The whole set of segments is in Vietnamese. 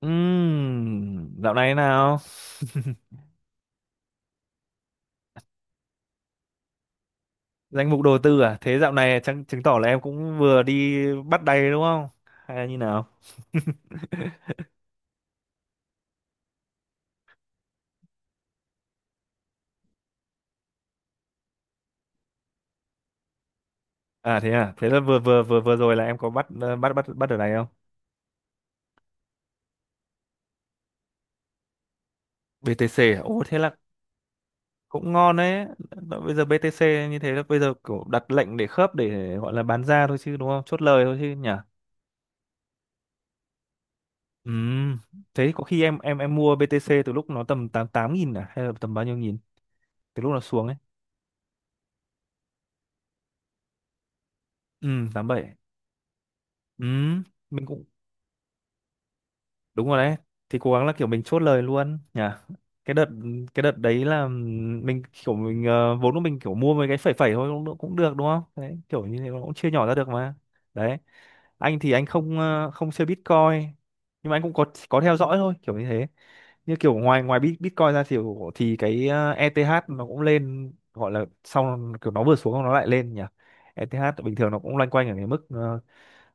Dạo này thế nào? Danh mục đầu tư à? Thế dạo này chắc chứng tỏ là em cũng vừa đi bắt đầy đúng không? Hay là như nào? À, thế là vừa vừa vừa vừa rồi là em có bắt ờ, bắt bắt bắt ở này không? BTC à? Ồ thế là cũng ngon đấy. Bây giờ BTC như thế là bây giờ kiểu đặt lệnh để khớp để gọi là bán ra thôi chứ đúng không? Chốt lời thôi chứ nhỉ? Ừm, thế có khi em mua BTC từ lúc nó tầm 88 nghìn à hay là tầm bao nhiêu nghìn? Từ lúc nó xuống ấy. Bảy. Ừm, mình cũng đúng rồi đấy, thì cố gắng là kiểu mình chốt lời luôn nhỉ. Cái đợt cái đợt đấy là mình kiểu mình, vốn của mình kiểu mua mấy cái phẩy phẩy thôi, cũng cũng được đúng không đấy, kiểu như thế nó cũng chia nhỏ ra được mà. Đấy, anh thì anh không, không chơi Bitcoin, nhưng mà anh cũng có theo dõi thôi kiểu như thế, như kiểu ngoài ngoài Bit- Bitcoin ra thì cái, ETH nó cũng lên, gọi là sau kiểu nó vừa xuống nó lại lên nhỉ. ETH bình thường nó cũng loanh quanh ở cái mức,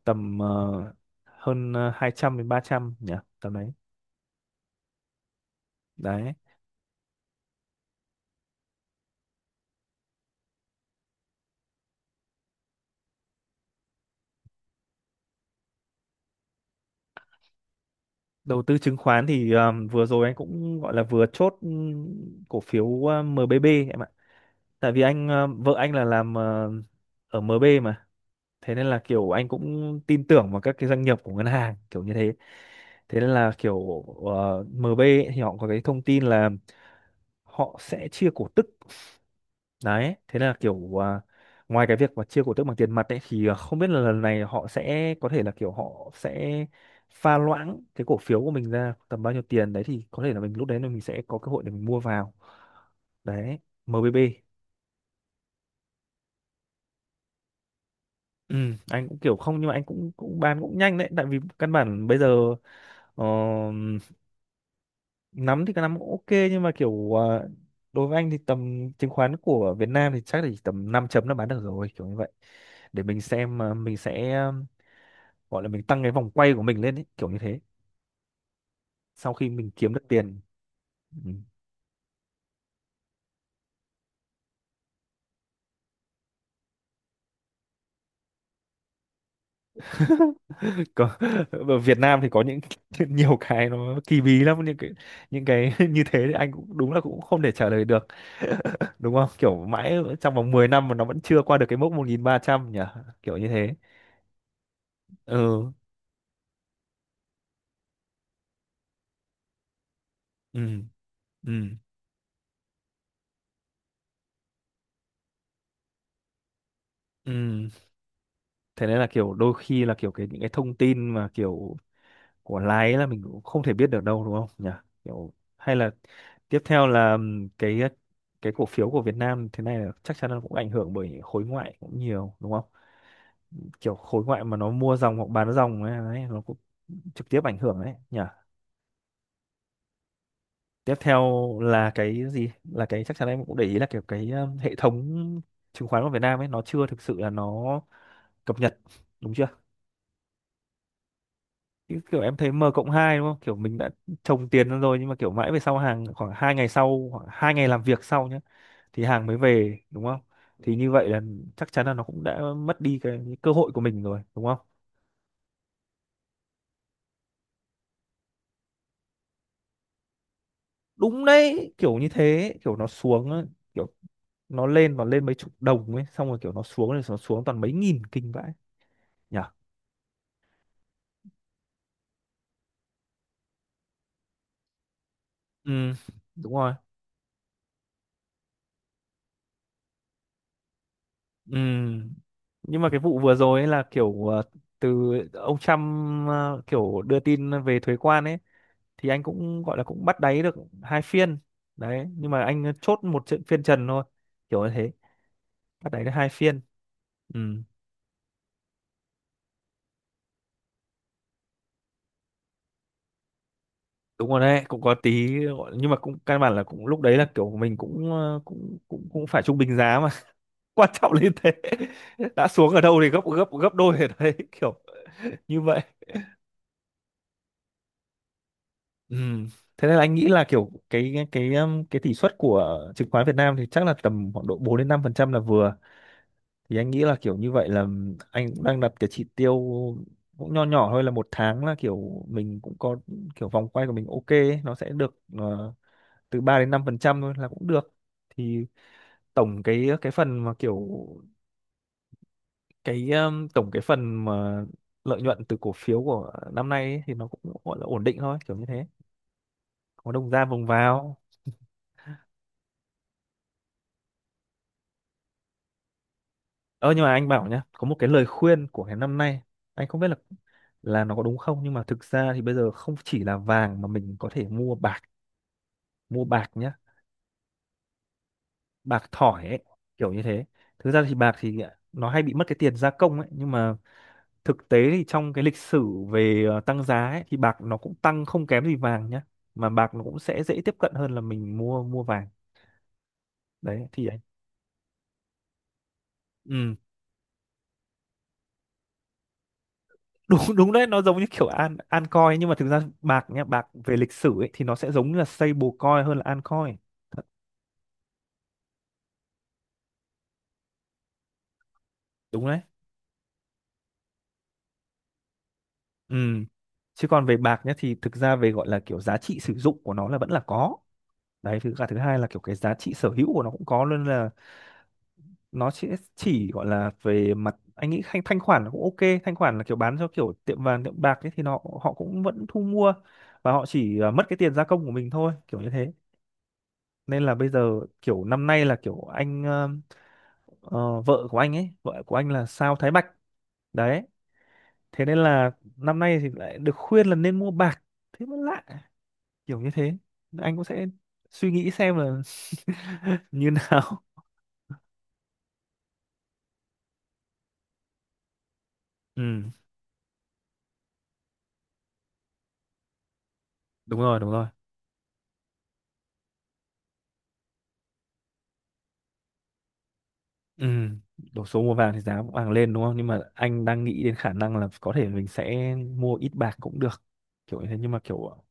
tầm, hơn, 200 đến 300 nhỉ, tầm đấy đấy. Đầu tư chứng khoán thì vừa rồi anh cũng gọi là vừa chốt cổ phiếu MBB em ạ, tại vì anh vợ anh là làm ở MB mà, thế nên là kiểu anh cũng tin tưởng vào các cái doanh nghiệp của ngân hàng kiểu như thế. Thế nên là kiểu MB ấy thì họ có cái thông tin là họ sẽ chia cổ tức. Đấy, thế là kiểu ngoài cái việc mà chia cổ tức bằng tiền mặt ấy thì không biết là lần này họ sẽ có thể là kiểu họ sẽ pha loãng cái cổ phiếu của mình ra tầm bao nhiêu tiền đấy, thì có thể là mình lúc đấy là mình sẽ có cơ hội để mình mua vào. Đấy, MBB. Ừ, anh cũng kiểu không, nhưng mà anh cũng cũng bán cũng nhanh đấy, tại vì căn bản bây giờ, ờ, nắm thì cái nắm cũng ok, nhưng mà kiểu đối với anh thì tầm chứng khoán của Việt Nam thì chắc là chỉ tầm 5 chấm là bán được rồi, kiểu như vậy, để mình xem mình sẽ gọi là mình tăng cái vòng quay của mình lên ấy, kiểu như thế, sau khi mình kiếm được tiền. Ừ. Có, ở Việt Nam thì có những nhiều cái nó kỳ bí lắm, những cái như thế thì anh cũng đúng là cũng không thể trả lời được, đúng không, kiểu mãi trong vòng 10 năm mà nó vẫn chưa qua được cái mốc 1.300 nhỉ, kiểu như thế. Ừ. Ừ. Ừ. Ừ. Thế nên là kiểu đôi khi là kiểu cái những cái thông tin mà kiểu của lái là mình cũng không thể biết được đâu, đúng không nhỉ, kiểu hay là tiếp theo là cái cổ phiếu của Việt Nam thế này là chắc chắn là cũng ảnh hưởng bởi khối ngoại cũng nhiều đúng không, kiểu khối ngoại mà nó mua dòng hoặc bán dòng ấy, đấy, nó cũng trực tiếp ảnh hưởng đấy nhỉ. Tiếp theo là cái gì là cái chắc chắn em cũng để ý là kiểu cái hệ thống chứng khoán của Việt Nam ấy nó chưa thực sự là nó cập nhật, đúng chưa? Chứ kiểu em thấy M cộng 2 đúng không? Kiểu mình đã trồng tiền ra rồi nhưng mà kiểu mãi về sau hàng khoảng 2 ngày sau, khoảng 2 ngày làm việc sau nhé, thì hàng mới về đúng không? Thì như vậy là chắc chắn là nó cũng đã mất đi cái, cơ hội của mình rồi, đúng không? Đúng đấy, kiểu như thế, kiểu nó xuống á, kiểu nó lên mấy chục đồng ấy, xong rồi kiểu nó xuống, rồi nó xuống toàn mấy nghìn kinh vãi nhỉ. Ừ, đúng rồi. Ừ. Nhưng mà cái vụ vừa rồi ấy là kiểu, từ ông Trump kiểu đưa tin về thuế quan ấy, thì anh cũng gọi là cũng bắt đáy được 2 phiên đấy, nhưng mà anh chốt một trận phiên trần thôi, kiểu như thế, bắt đáy được hai phiên. Ừ. Đúng rồi đấy, cũng có tí nhưng mà cũng căn bản là cũng lúc đấy là kiểu mình cũng, cũng phải trung bình giá mà, quan trọng là như thế. Đã xuống ở đâu thì gấp gấp gấp đôi ở đấy, kiểu như vậy. Ừ. Thế nên là anh nghĩ là kiểu cái cái tỷ suất của chứng khoán Việt Nam thì chắc là tầm khoảng độ 4 đến 5% là vừa. Thì anh nghĩ là kiểu như vậy là anh cũng đang đặt cái chỉ tiêu cũng nho nhỏ thôi, là một tháng là kiểu mình cũng có kiểu vòng quay của mình ok ấy, nó sẽ được, từ 3 đến 5% thôi là cũng được. Thì tổng cái phần mà kiểu cái tổng cái phần mà lợi nhuận từ cổ phiếu của năm nay ấy, thì nó cũng gọi là ổn định thôi, kiểu như thế. Có đồng ra vùng vào. Ơ nhưng mà anh bảo nhá, có một cái lời khuyên của cái năm nay, anh không biết là nó có đúng không, nhưng mà thực ra thì bây giờ không chỉ là vàng mà mình có thể mua bạc nhá, bạc thỏi ấy, kiểu như thế. Thực ra thì bạc thì nó hay bị mất cái tiền gia công ấy, nhưng mà thực tế thì trong cái lịch sử về, tăng giá ấy, thì bạc nó cũng tăng không kém gì vàng nhá, mà bạc nó cũng sẽ dễ tiếp cận hơn là mình mua mua vàng. Đấy thì anh. Ừ. Đúng đúng đấy, nó giống như kiểu an coin, nhưng mà thực ra bạc nhá, bạc về lịch sử ấy thì nó sẽ giống như là stablecoin hơn là an coin. Đúng đấy. Ừ. Chứ còn về bạc nhá thì thực ra về gọi là kiểu giá trị sử dụng của nó là vẫn là có đấy, thứ cả thứ hai là kiểu cái giá trị sở hữu của nó cũng có, nên là nó sẽ chỉ gọi là về mặt anh nghĩ thanh thanh khoản là cũng ok, thanh khoản là kiểu bán cho kiểu tiệm vàng tiệm bạc ấy thì nó họ cũng vẫn thu mua, và họ chỉ, mất cái tiền gia công của mình thôi, kiểu như thế, nên là bây giờ kiểu năm nay là kiểu anh, vợ của anh là sao Thái Bạch đấy, thế nên là năm nay thì lại được khuyên là nên mua bạc, thế mới lạ, kiểu như thế. Anh cũng sẽ suy nghĩ xem là như nào. Ừ, đúng rồi. Đúng rồi. Ừ. Đổ số mua vàng thì giá vàng lên đúng không, nhưng mà anh đang nghĩ đến khả năng là có thể mình sẽ mua ít bạc cũng được, kiểu như thế, nhưng mà kiểu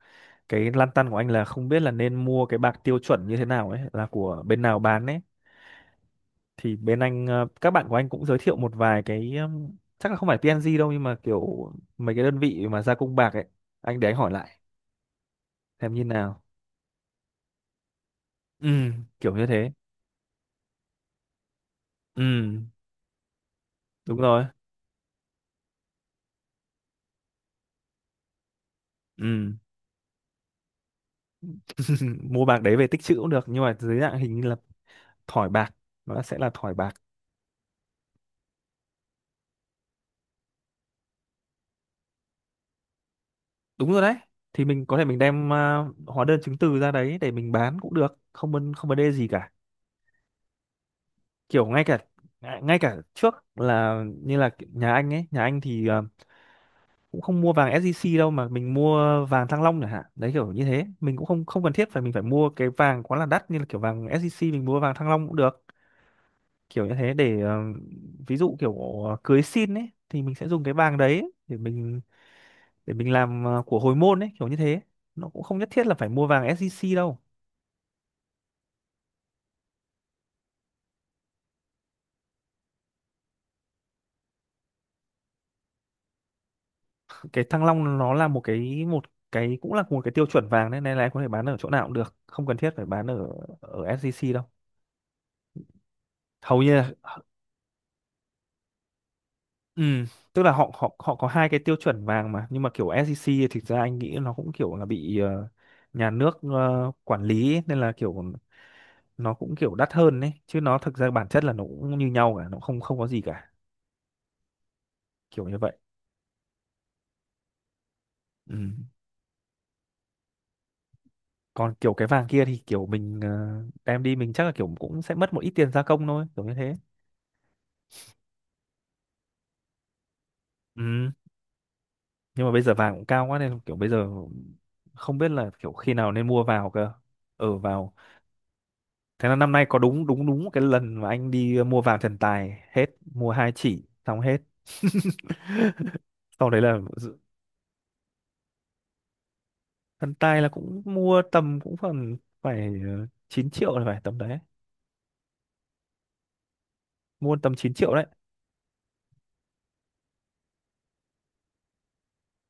cái lăn tăn của anh là không biết là nên mua cái bạc tiêu chuẩn như thế nào ấy, là của bên nào bán ấy. Thì bên anh, các bạn của anh cũng giới thiệu một vài cái chắc là không phải PNG đâu, nhưng mà kiểu mấy cái đơn vị mà gia công bạc ấy, anh để anh hỏi lại xem như nào. Ừ. Kiểu như thế. Ừ. Đúng rồi. Ừ. Mua bạc đấy về tích trữ cũng được, nhưng mà dưới dạng hình như là thỏi bạc, nó sẽ là thỏi bạc. Đúng rồi đấy, thì mình có thể mình đem, hóa đơn chứng từ ra đấy để mình bán cũng được, không vấn đề gì cả, kiểu ngay cả trước là như là nhà anh thì, cũng không mua vàng SJC đâu, mà mình mua vàng Thăng Long chẳng hạn, đấy kiểu như thế, mình cũng không không cần thiết phải mình phải mua cái vàng quá là đắt như là kiểu vàng SJC, mình mua vàng Thăng Long cũng được, kiểu như thế, để, ví dụ kiểu, cưới xin ấy thì mình sẽ dùng cái vàng đấy để mình làm, của hồi môn ấy, kiểu như thế, nó cũng không nhất thiết là phải mua vàng SJC đâu. Cái Thăng Long nó là một cái cũng là một cái tiêu chuẩn vàng đấy, nên là em có thể bán ở chỗ nào cũng được, không cần thiết phải bán ở ở SJC đâu, hầu như là. Ừ, tức là họ họ họ có hai cái tiêu chuẩn vàng mà, nhưng mà kiểu SEC thì thực ra anh nghĩ nó cũng kiểu là bị nhà nước quản lý ấy, nên là kiểu nó cũng kiểu đắt hơn đấy chứ, nó thực ra bản chất là nó cũng như nhau cả, nó không không có gì cả, kiểu như vậy. Ừ. Còn kiểu cái vàng kia thì kiểu mình đem đi, mình chắc là kiểu cũng sẽ mất một ít tiền gia công thôi, kiểu như thế. Ừ. Nhưng mà bây giờ vàng cũng cao quá, nên kiểu bây giờ không biết là kiểu khi nào nên mua vào cơ. Ừ, vào. Thế là năm nay có đúng đúng đúng cái lần mà anh đi mua vàng thần tài hết, mua hai chỉ xong hết. Sau đấy là thần tài là cũng mua tầm, cũng phần phải 9 triệu là phải tầm đấy. Mua tầm 9 triệu đấy.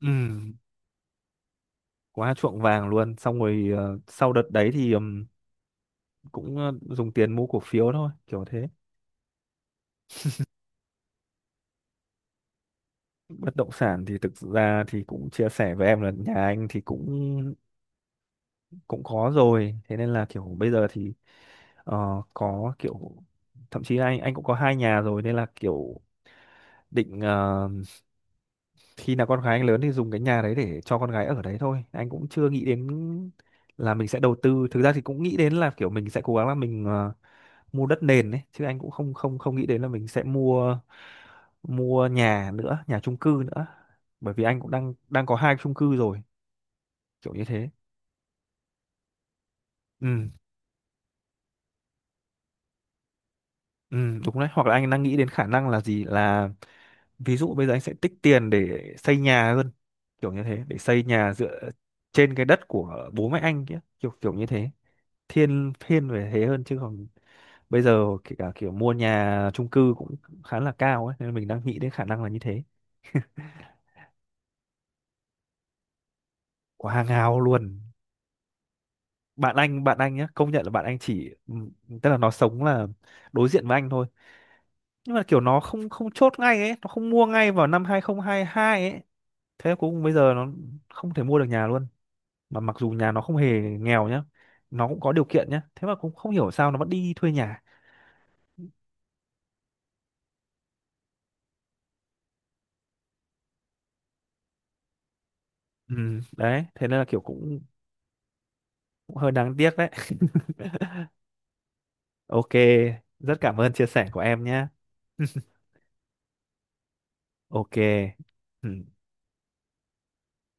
Ừ, quá chuộng vàng luôn. Xong rồi sau đợt đấy thì cũng dùng tiền mua cổ phiếu thôi, kiểu thế. Bất động sản thì thực ra thì cũng chia sẻ với em là nhà anh thì cũng cũng có rồi. Thế nên là kiểu bây giờ thì. Ờ, có kiểu thậm chí anh cũng có hai nhà rồi, nên là kiểu định khi nào con gái anh lớn thì dùng cái nhà đấy để cho con gái ở đấy thôi, anh cũng chưa nghĩ đến là mình sẽ đầu tư. Thực ra thì cũng nghĩ đến là kiểu mình sẽ cố gắng là mình mua đất nền đấy chứ, anh cũng không không không nghĩ đến là mình sẽ mua mua nhà nữa, nhà chung cư nữa, bởi vì anh cũng đang đang có hai chung cư rồi, kiểu như thế. Ừ. Ừ, đúng đấy. Hoặc là anh đang nghĩ đến khả năng là gì, là ví dụ bây giờ anh sẽ tích tiền để xây nhà hơn, kiểu như thế, để xây nhà dựa trên cái đất của bố mẹ anh kia, kiểu kiểu như thế. Thiên thiên về thế hơn, chứ còn bây giờ kể cả kiểu mua nhà chung cư cũng khá là cao ấy, nên mình đang nghĩ đến khả năng là như thế. Quá ngáo luôn. Bạn anh nhá, công nhận là bạn anh chỉ tức là nó sống là đối diện với anh thôi, nhưng mà kiểu nó không không chốt ngay ấy, nó không mua ngay vào năm 2022 ấy, thế cuối cùng bây giờ nó không thể mua được nhà luôn, mà mặc dù nhà nó không hề nghèo nhá, nó cũng có điều kiện nhá, thế mà cũng không hiểu sao nó vẫn đi thuê nhà. Ừ, đấy thế nên là kiểu cũng, cũng hơi đáng tiếc đấy. Ok, rất cảm ơn chia sẻ của em nhé. Ok. Ừ.